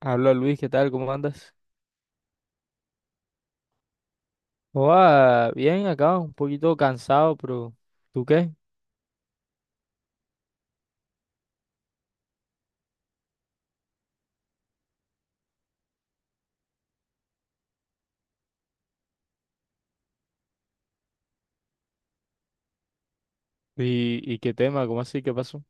Habla Luis, ¿qué tal? ¿Cómo andas? Hola, bien acá, un poquito cansado, pero ¿tú qué? ¿Y qué tema? ¿Cómo así? ¿Qué pasó?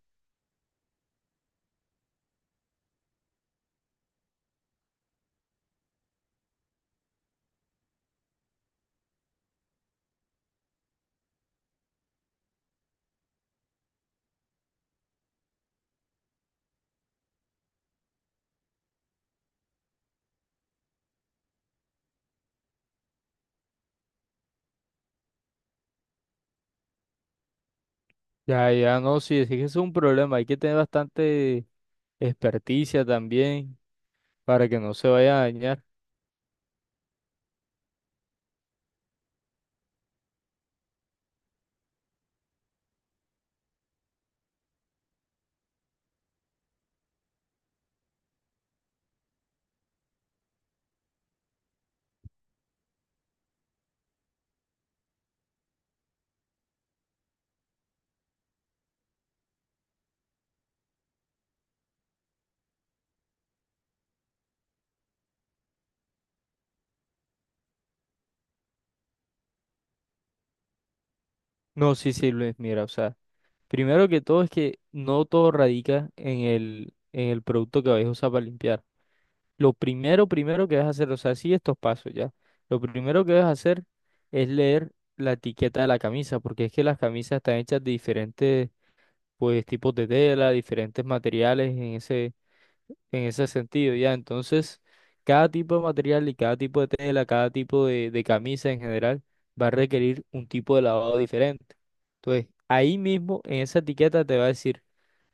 Ya, ya, no, sí, es que es un problema, hay que tener bastante experticia también para que no se vaya a dañar. No, sí, sí, Luis, mira, o sea, primero que todo es que no todo radica en el producto que vais a usar para limpiar. Lo primero, primero que debes hacer, o sea, sí, estos pasos ya. Lo primero que debes hacer es leer la etiqueta de la camisa, porque es que las camisas están hechas de diferentes, pues, tipos de tela, diferentes materiales en ese sentido, ya. Entonces, cada tipo de material y cada tipo de tela, cada tipo de camisa en general, va a requerir un tipo de lavado diferente. Entonces, ahí mismo, en esa etiqueta te va a decir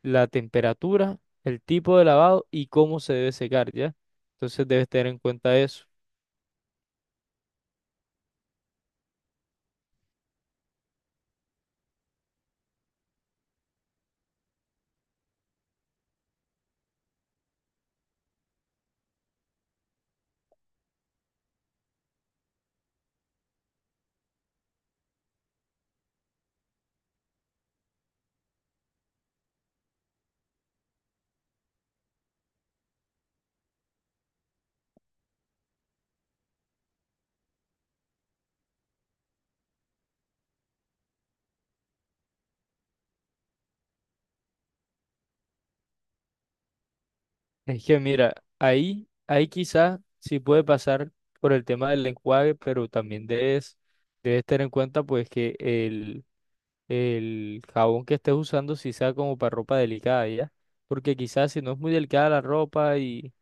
la temperatura, el tipo de lavado y cómo se debe secar, ¿ya? Entonces debes tener en cuenta eso. Es que mira, ahí, ahí quizás sí puede pasar por el tema del enjuague, pero también debes, debes tener en cuenta pues que el jabón que estés usando sí sea como para ropa delicada, ¿ya? Porque quizás si no es muy delicada la ropa y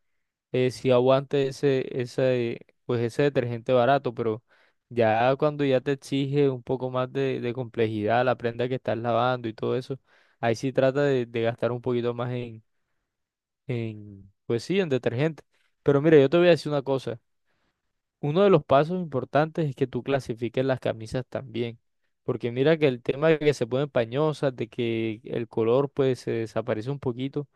sí aguante ese, ese, pues ese detergente barato, pero ya cuando ya te exige un poco más de complejidad la prenda que estás lavando y todo eso, ahí sí trata de gastar un poquito más en, pues sí, en detergente. Pero mira, yo te voy a decir una cosa. Uno de los pasos importantes es que tú clasifiques las camisas también. Porque mira que el tema de que se ponen pañosas, de que el color pues se desaparece un poquito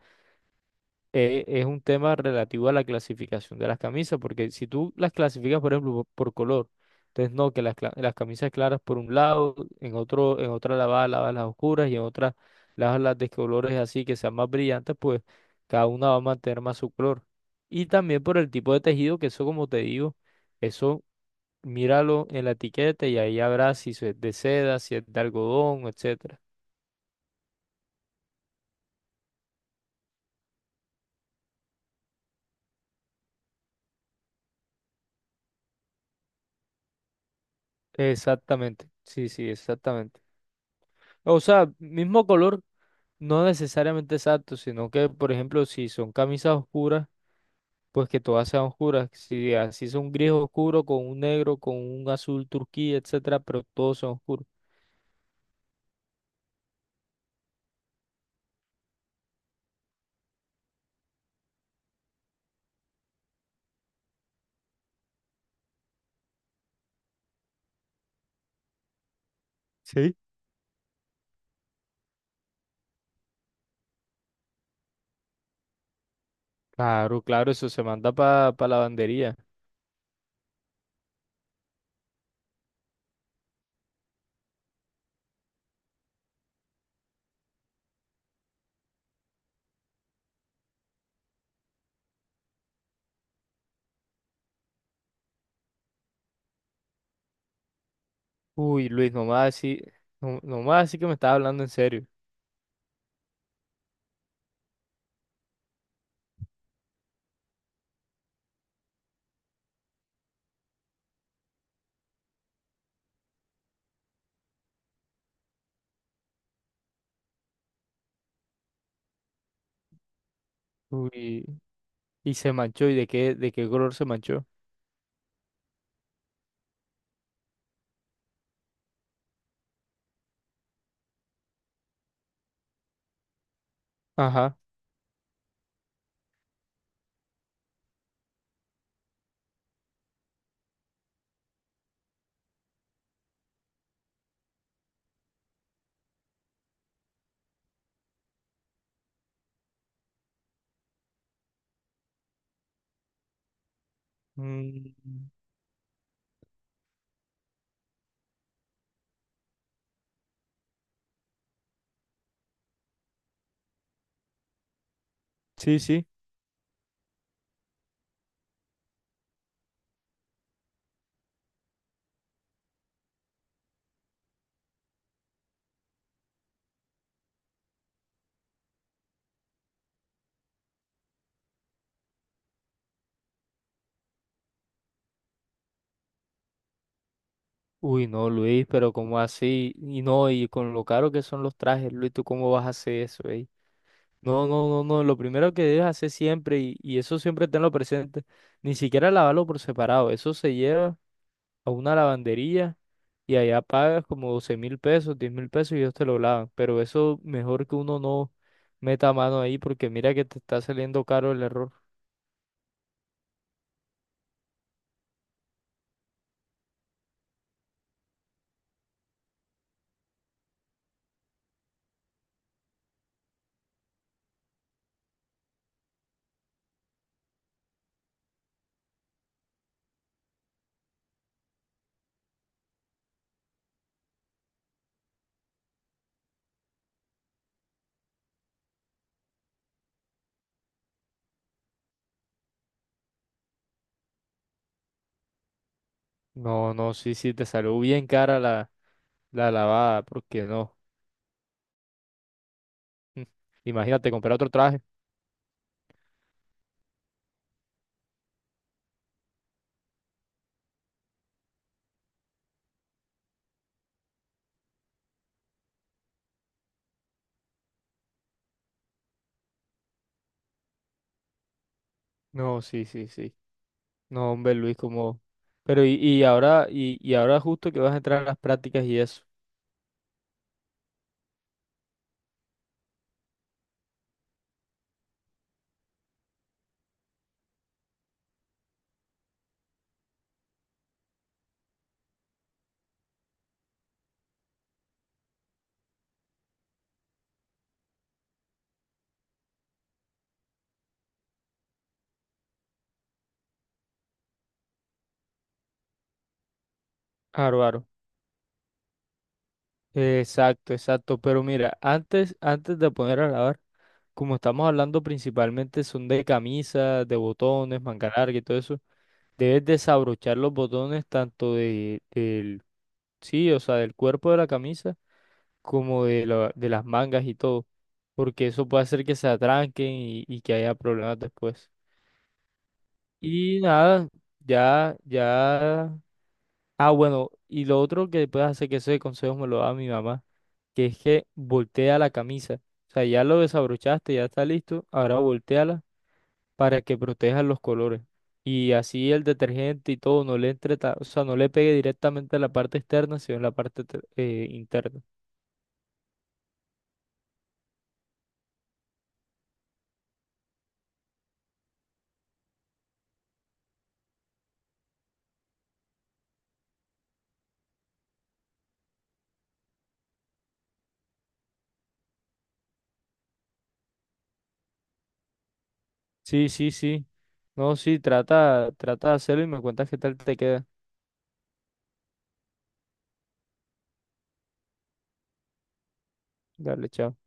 es un tema relativo a la clasificación de las camisas, porque si tú las clasificas, por ejemplo, por color, entonces no, que las, las camisas claras por un lado, en otro, en otra lavada, lavas las oscuras y en otra lavas las de colores así que sean más brillantes, pues cada una va a mantener más su color. Y también por el tipo de tejido, que eso como te digo, eso míralo en la etiqueta y ahí habrá si es de seda, si es de algodón, etcétera. Exactamente, sí, sí, exactamente. O sea, mismo color. No necesariamente exacto, sino que, por ejemplo, si son camisas oscuras, pues que todas sean oscuras. Si así son gris oscuro, con un negro, con un azul turquía, etcétera, pero todos son oscuros. Sí. Claro, claro, eso se manda para la lavandería. Uy, Luis, nomás así, no, nomás así que me estaba hablando en serio. Uy, y se manchó, ¿y de qué color se manchó? Ajá. Mm, sí, sí. Uy, no, Luis, pero ¿cómo así? Y no, y con lo caro que son los trajes, Luis, ¿tú cómo vas a hacer eso, eh? No, no, no, no. Lo primero que debes hacer siempre, y eso siempre tenlo presente, ni siquiera lavarlo por separado. Eso se lleva a una lavandería y allá pagas como $12.000, $10.000 y ellos te lo lavan. Pero eso mejor que uno no meta mano ahí porque mira que te está saliendo caro el error. No, no, sí, sí, te salió bien cara la, la lavada, porque no. Mm. Imagínate comprar otro traje. No, sí, sí, sí. No, hombre, Luis, como... Pero y ahora, y ahora justo que vas a entrar a las prácticas y eso. Aro, aro. Exacto, exacto. Pero mira, antes, antes de poner a lavar, como estamos hablando principalmente son de camisas, de botones, manga larga y todo eso, debes desabrochar los botones tanto de, del, sí, o sea, del cuerpo de la camisa como de, de las mangas y todo, porque eso puede hacer que se atranquen y que haya problemas después. Y nada, ya, ya. Ah, bueno, y lo otro que puedes hacer, que ese consejo me lo da mi mamá, que es que voltea la camisa. O sea, ya lo desabrochaste, ya está listo, ahora volteala para que proteja los colores. Y así el detergente y todo no le entre, o sea, no le pegue directamente a la parte externa, sino en la parte interna. Sí, sí, sí. No, sí, trata, trata de hacerlo y me cuentas qué tal te queda. Dale, chao.